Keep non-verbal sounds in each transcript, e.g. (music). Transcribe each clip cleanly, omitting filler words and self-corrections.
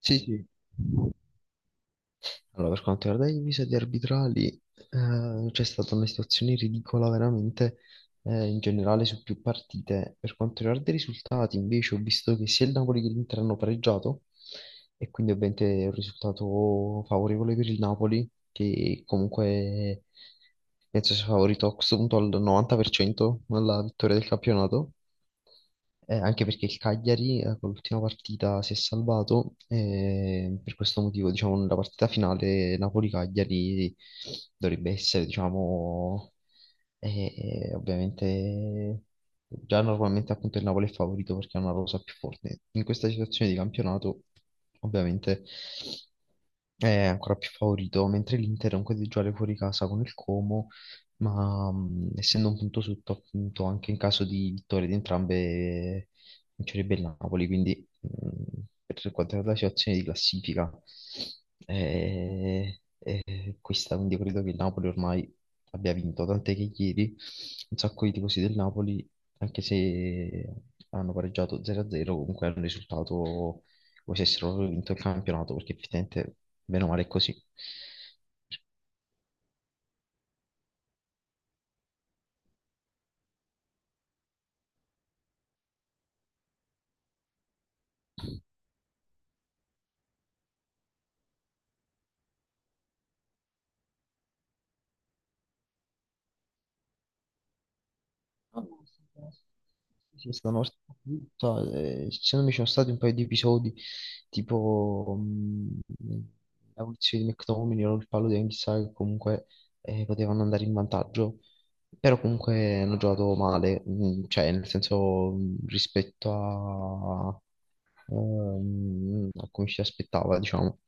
Sì, sì. Allora, per quanto riguarda gli episodi arbitrali, c'è stata una situazione ridicola veramente in generale su più partite. Per quanto riguarda i risultati, invece, ho visto che sia il Napoli che l'Inter hanno pareggiato e quindi ovviamente è un risultato favorevole per il Napoli, che comunque penso sia favorito a questo punto al 90% alla vittoria del campionato. Anche perché il Cagliari con l'ultima partita si è salvato e per questo motivo, diciamo, nella partita finale Napoli-Cagliari dovrebbe essere, diciamo, ovviamente già normalmente appunto il Napoli è favorito perché ha una rosa più forte. In questa situazione di campionato, ovviamente è ancora più favorito, mentre l'Inter è un po' di giocare fuori casa con il Como ma essendo un punto sotto, appunto, anche in caso di vittoria di entrambe vincerebbe il Napoli, quindi per quanto riguarda la situazione di classifica è questa, quindi credo che il Napoli ormai abbia vinto, tant'è che ieri un sacco di tifosi del Napoli, anche se hanno pareggiato 0-0, comunque è un risultato come se avessero vinto il campionato, perché effettivamente, bene o male, è così. No, no. Sì, ci sono, mi sono stati un paio di episodi tipo la punizione di McTominay o il fallo di Anguissa che comunque potevano andare in vantaggio però comunque hanno giocato male cioè nel senso rispetto a, a come ci si aspettava diciamo.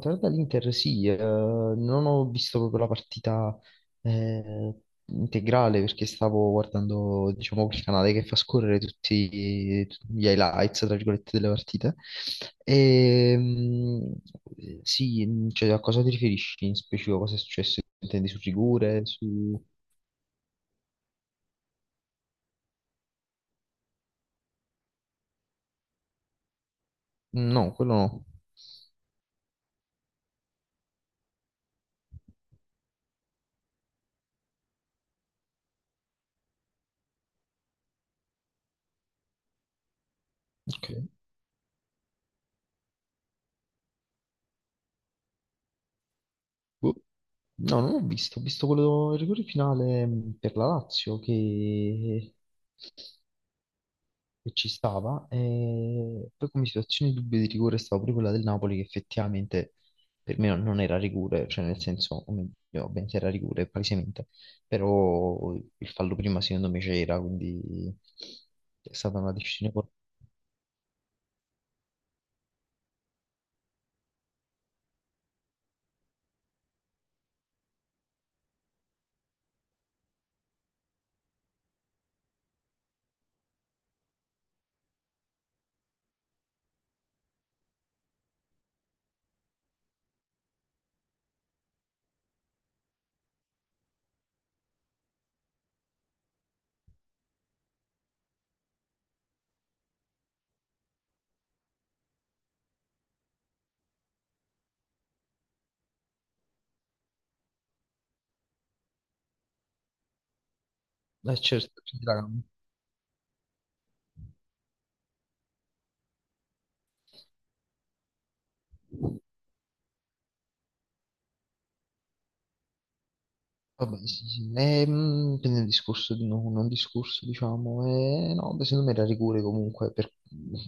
Tornando all'Inter, sì, non ho visto proprio la partita eh, integrale perché stavo guardando, diciamo, quel canale che fa scorrere tutti gli highlights, tra virgolette, delle partite. E, mm, sì, cioè, a cosa ti riferisci in specifico? Cosa è successo? Intendi su rigore? Su... No, quello no. Ok. Boh. No, non ho visto, ho visto quello, il rigore finale per la Lazio che ci stava. E poi come situazione di dubbio di rigore stava pure quella del Napoli che effettivamente per me non era rigore, cioè nel senso, o meglio, beh, se era rigore palesemente, però il fallo prima secondo me c'era, quindi è stata una decisione. Certo, ci sarà. Vabbè, sì, sì. Quindi un discorso di no- non discorso, diciamo, no, beh, secondo me era rigore comunque,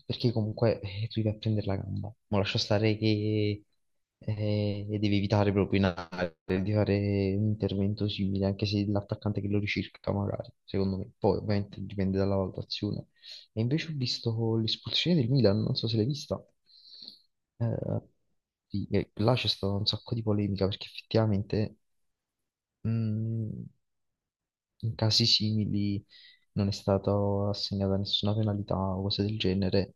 perché comunque tu devi a prendere la gamba. Ma lascia stare che devi evitare proprio in area di fare un intervento simile, anche se l'attaccante che lo ricirca magari, secondo me. Poi ovviamente dipende dalla valutazione. E invece ho visto l'espulsione del Milan, non so se l'hai vista. Eh, sì, e là c'è stata un sacco di polemica perché effettivamente... mm, in casi simili non è stata assegnata nessuna penalità o cose del genere.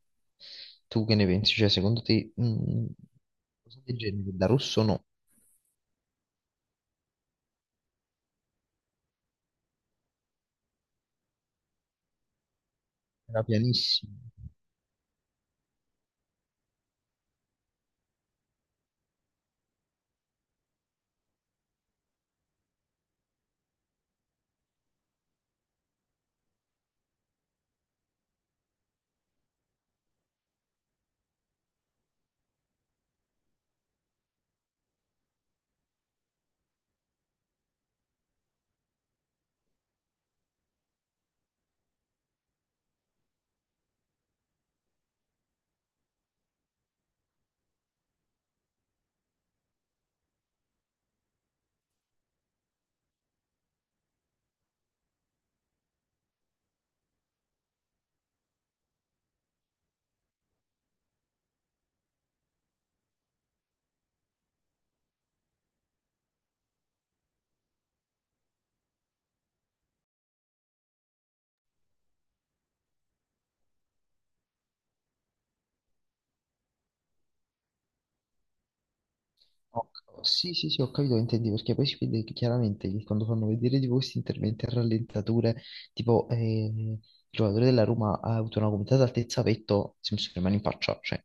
Tu che ne pensi? Cioè, secondo te, cose del genere da rosso o no? Era pianissimo. Sì, sì, sì, ho capito che intendi, perché poi si vede che chiaramente che quando fanno vedere tipo questi interventi a rallentatore, tipo il giocatore della Roma ha avuto una gomitata altezza petto, Simpson rimane in faccia, cioè.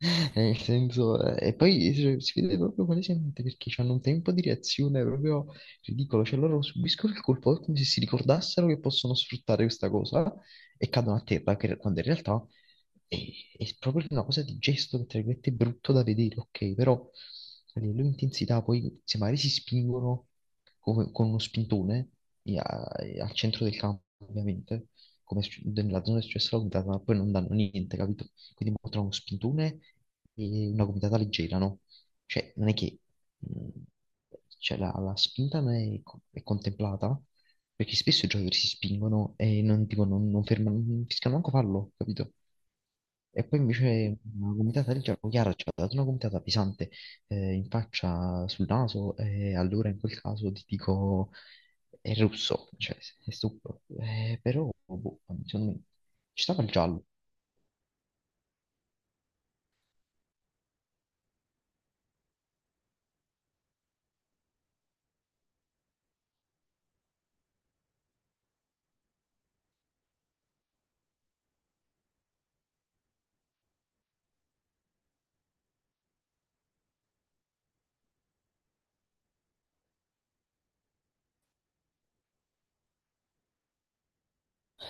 Nel senso, e poi cioè, si vede proprio palesemente perché hanno un tempo di reazione proprio ridicolo, cioè loro subiscono il colpo come se si ricordassero che possono sfruttare questa cosa e cadono a terra, quando in realtà è, è proprio una cosa di gesto, che tra virgolette, è brutto da vedere, ok, però a livello di intensità poi se magari si spingono con uno spintone e al centro del campo, ovviamente, nella zona di successo la guidata, ma poi non danno niente, capito? Quindi mo tra uno spintone e una guidata leggera, no? Cioè, non è che mh, cioè, la spinta non è contemplata, perché spesso i giocatori si spingono e non, tipo, non fermano, non fischiano manco fallo, capito? E poi invece una gomitata del gioco, chiaro, ci ha dato una gomitata pesante in faccia, sul naso, e allora in quel caso ti dico, è russo, cioè è stupido. Però boh, secondo me ci stava il giallo.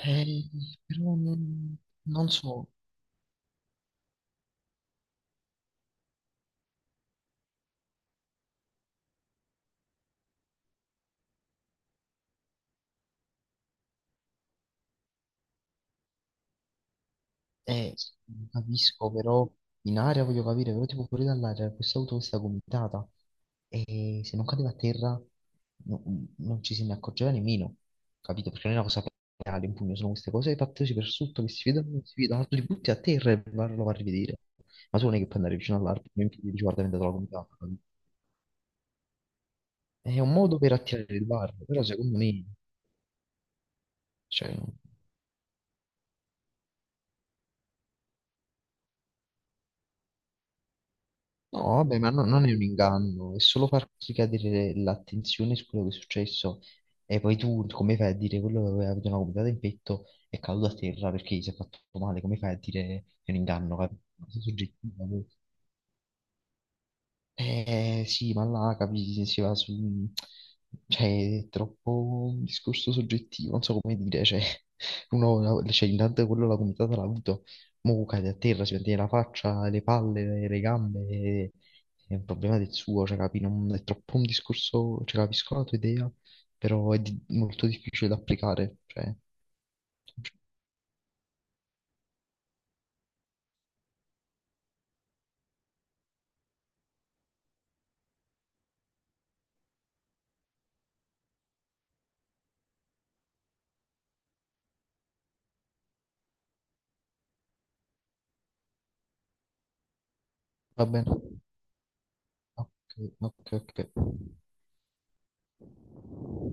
Eh, però non so. Eh, lo capisco, però in aria voglio capire, però tipo fuori dall'aria questa auto questa gomitata e se non cadeva a terra no- non ci se ne accorgeva nemmeno, capito? Perché non è una cosa reale, un pugno, sono queste cose fatte così per sotto che si vedono, non si vedono, tu li butti a terra e lo va a rivedere. Ma tu non è che puoi andare vicino all'albero e dici guarda è diventata la gomitata. Capito? È un modo per attirare il bar, però secondo me, cioè, no. No, vabbè, ma non è un inganno, è solo far ricadere l'attenzione su quello che è successo e poi tu come fai a dire quello che aveva avuto una gomitata in petto è caduto a terra perché gli si è fatto male, come fai a dire che è un inganno? Una cosa soggettiva, poi. Eh sì, ma là capisci, si va su... Cioè, è troppo un discorso soggettivo, non so come dire, cioè, (laughs) uno, cioè, intanto quello la comitata l'ha avuto, mo cade a terra, si mette la faccia, le palle, le gambe, e- è un problema del suo, cioè, capi, non, è troppo un discorso, cioè, capisco la tua idea, però è molto difficile da applicare, cioè, va bene, ok, ok, ok.